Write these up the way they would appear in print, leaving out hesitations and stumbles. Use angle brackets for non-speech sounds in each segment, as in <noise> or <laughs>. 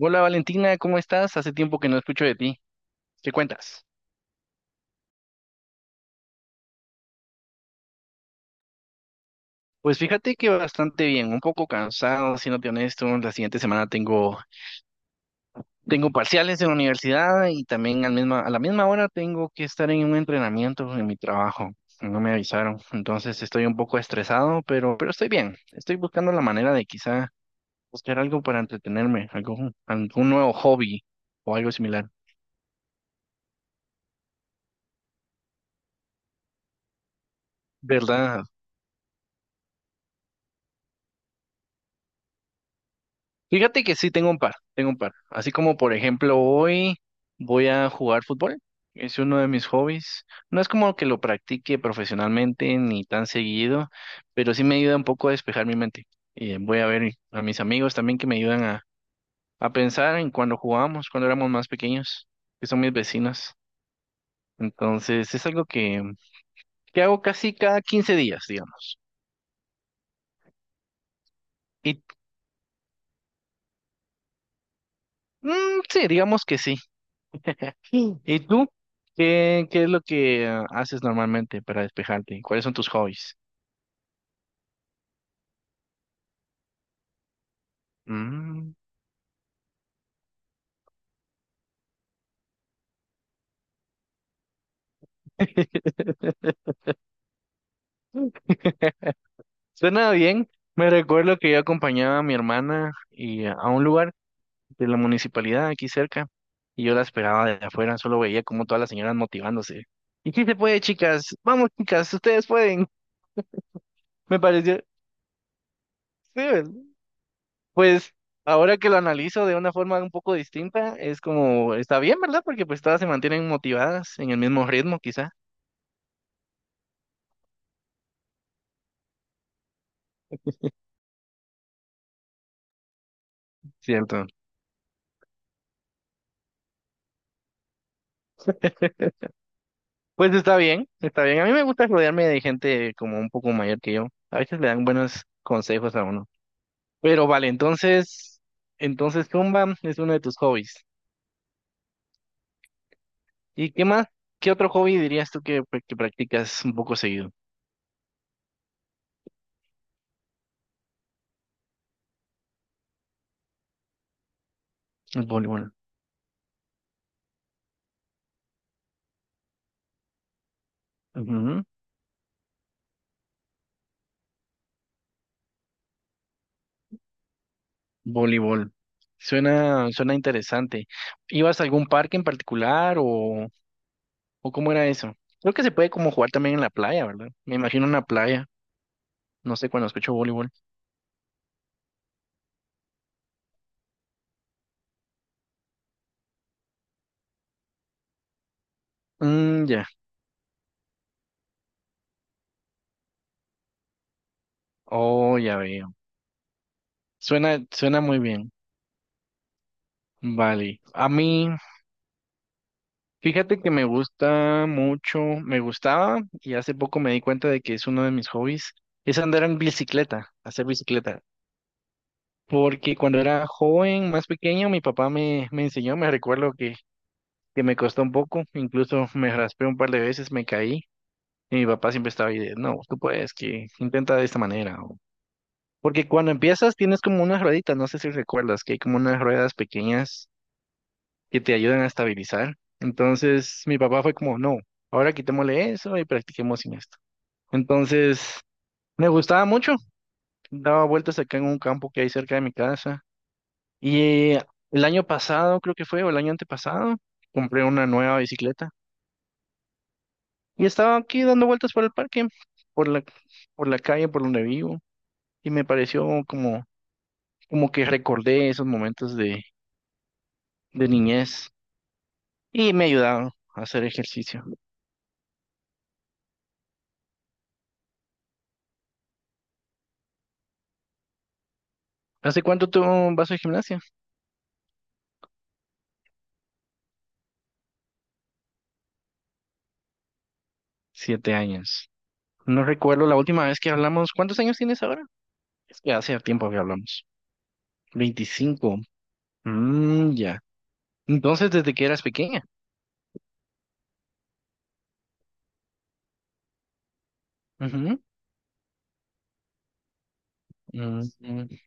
Hola Valentina, ¿cómo estás? Hace tiempo que no escucho de ti. ¿Qué cuentas? Pues fíjate que bastante bien, un poco cansado, siéndote honesto. La siguiente semana tengo parciales en la universidad y también a la misma hora tengo que estar en un entrenamiento en mi trabajo. No me avisaron, entonces estoy un poco estresado, pero estoy bien. Estoy buscando la manera de quizá buscar algo para entretenerme, algo, algún nuevo hobby o algo similar. ¿Verdad? Fíjate que sí tengo un par, tengo un par. Así como por ejemplo hoy voy a jugar fútbol. Es uno de mis hobbies. No es como que lo practique profesionalmente ni tan seguido, pero sí me ayuda un poco a despejar mi mente. Y voy a ver a mis amigos también que me ayudan a pensar en cuando jugábamos, cuando éramos más pequeños, que son mis vecinos. Entonces es algo que hago casi cada 15 días, digamos. Y sí, digamos que sí. Mm. ¿Y tú? ¿Qué es lo que haces normalmente para despejarte? ¿Cuáles son tus hobbies? Mm. <laughs> Suena bien. Me recuerdo que yo acompañaba a mi hermana y a un lugar de la municipalidad aquí cerca y yo la esperaba de afuera, solo veía como todas las señoras motivándose. ¿Y sí se puede, chicas? Vamos, chicas, ustedes pueden. Me pareció, sí. Pues ahora que lo analizo de una forma un poco distinta, es como, está bien, ¿verdad? Porque pues todas se mantienen motivadas en el mismo ritmo, quizá. Cierto. Pues está bien, está bien. A mí me gusta rodearme de gente como un poco mayor que yo. A veces le dan buenos consejos a uno. Pero vale, entonces Zumba es uno de tus hobbies. ¿Y qué más? ¿Qué otro hobby dirías tú que, pues, que practicas un poco seguido? El voleibol. Voleibol. Suena interesante. ¿Ibas a algún parque en particular o cómo era eso? Creo que se puede como jugar también en la playa, ¿verdad? Me imagino una playa. No sé cuando escucho voleibol. Mm, ya. Oh, ya veo. Suena muy bien. Vale. A mí, fíjate que me gusta mucho, me gustaba y hace poco me di cuenta de que es uno de mis hobbies, es andar en bicicleta, hacer bicicleta. Porque cuando era joven, más pequeño, mi papá me enseñó, me recuerdo que me costó un poco, incluso me raspé un par de veces, me caí y mi papá siempre estaba ahí de, no, tú puedes, que intenta de esta manera. Porque cuando empiezas tienes como unas rueditas, no sé si recuerdas, que hay como unas ruedas pequeñas que te ayudan a estabilizar. Entonces mi papá fue como, no, ahora quitémosle eso y practiquemos sin esto. Entonces me gustaba mucho, daba vueltas acá en un campo que hay cerca de mi casa y el año pasado creo que fue, o el año antepasado, compré una nueva bicicleta. Y estaba aquí dando vueltas por el parque, por la, por la calle, por donde vivo, y me pareció como, como que recordé esos momentos de niñez y me ayudaron a hacer ejercicio. ¿Hace cuánto tú vas al gimnasio? 7 años. No recuerdo la última vez que hablamos. ¿Cuántos años tienes ahora? Es que hace tiempo que hablamos. 25. Mm, ya. Entonces, desde que eras pequeña. Ujú. Mm, mm.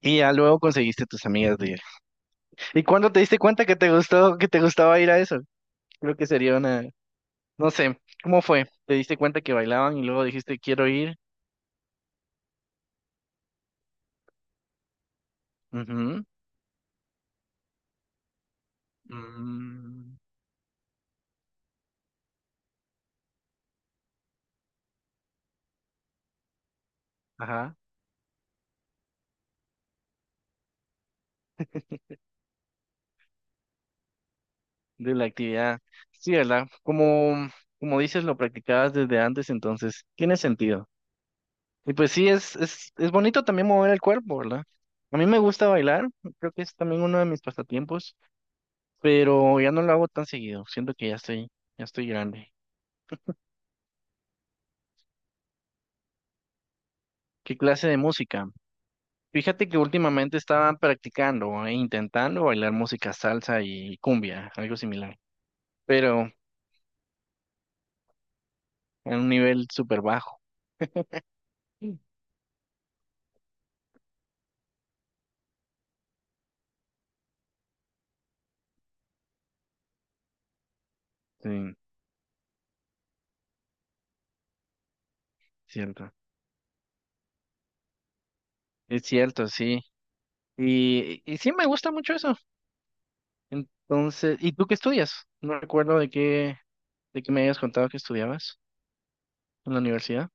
Y ya luego conseguiste tus amigas de ir. ¿Y cuándo te diste cuenta que te gustó, que te gustaba ir a eso? Creo que sería una, no sé, ¿cómo fue? ¿Te diste cuenta que bailaban y luego dijiste quiero ir? Ujú. Mm, ajá, de la actividad. Sí, ¿verdad? Como, como dices, lo practicabas desde antes, entonces tiene sentido. Y pues sí, es bonito también mover el cuerpo, ¿verdad? A mí me gusta bailar, creo que es también uno de mis pasatiempos, pero ya no lo hago tan seguido, siento que ya estoy grande. ¿Qué clase de música? Fíjate que últimamente estaban practicando e intentando bailar música salsa y cumbia, algo similar, pero en un nivel súper bajo. Mm. Sí, cierto. Es cierto, sí. Y sí me gusta mucho eso. Entonces, ¿y tú qué estudias? No recuerdo de qué me habías contado que estudiabas en la universidad.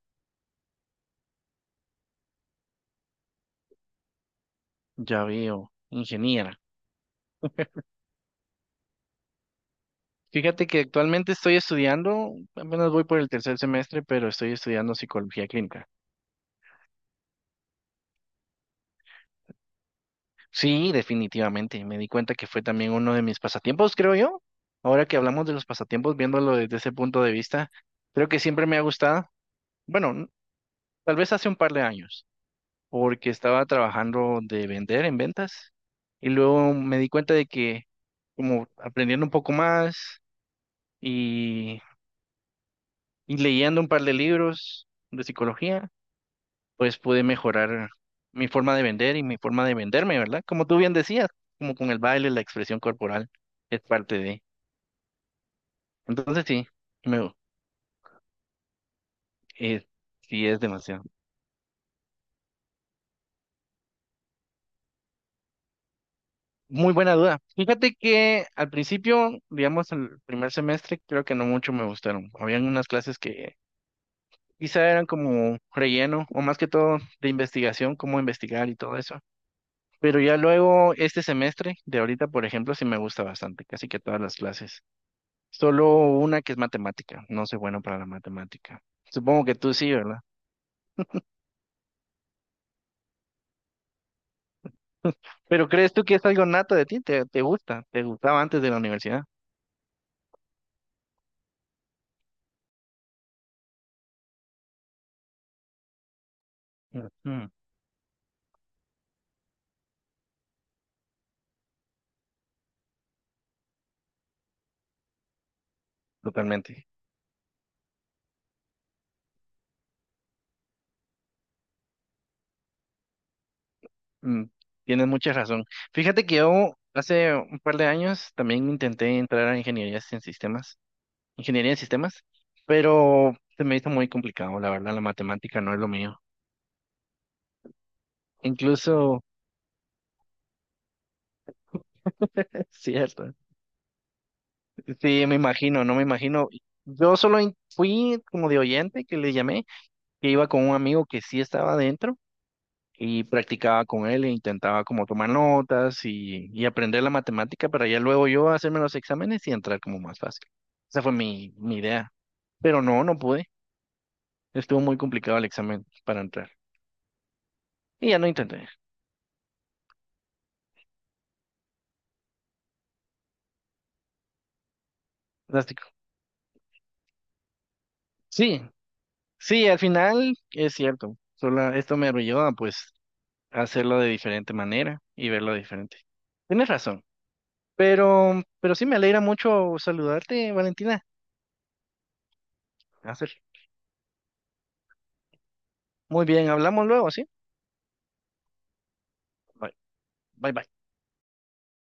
Ya veo, ingeniera. Fíjate que actualmente estoy estudiando, apenas voy por el tercer semestre, pero estoy estudiando psicología clínica. Sí, definitivamente. Me di cuenta que fue también uno de mis pasatiempos, creo yo. Ahora que hablamos de los pasatiempos, viéndolo desde ese punto de vista, creo que siempre me ha gustado. Bueno, tal vez hace un par de años, porque estaba trabajando de vender en ventas y luego me di cuenta de que como aprendiendo un poco más y, y leyendo un par de libros de psicología, pues pude mejorar mi forma de vender y mi forma de venderme, ¿verdad? Como tú bien decías, como con el baile, la expresión corporal es parte de. Entonces sí, me, eh, sí es demasiado. Muy buena duda. Fíjate que al principio, digamos, el primer semestre, creo que no mucho me gustaron. Habían unas clases que quizá eran como relleno o más que todo de investigación, cómo investigar y todo eso. Pero ya luego, este semestre de ahorita, por ejemplo, sí me gusta bastante, casi que todas las clases. Solo una que es matemática. No soy bueno para la matemática. Supongo que tú sí, ¿verdad? Pero ¿crees tú que es algo nato de ti? ¿Te gusta? ¿Te gustaba antes de la universidad? Ujú. Totalmente. Mm, tienes mucha razón. Fíjate que yo hace un par de años también intenté entrar a ingeniería en sistemas, pero se me hizo muy complicado, la verdad, la matemática no es lo mío. Incluso, <laughs> es cierto. Sí, me imagino, no me imagino. Yo solo fui como de oyente que le llamé, que iba con un amigo que sí estaba adentro y practicaba con él e intentaba como tomar notas y aprender la matemática para ya luego yo hacerme los exámenes y entrar como más fácil. Esa fue mi idea. Pero no, no pude. Estuvo muy complicado el examen para entrar. Y ya no intenté. Drástico. Sí, sí, al final es cierto. Solo esto me ayuda pues a pues, hacerlo de diferente manera y verlo diferente. Tienes razón. Pero sí me alegra mucho saludarte, Valentina. Hace. Muy bien, hablamos luego, ¿sí? Bye, bye, bye.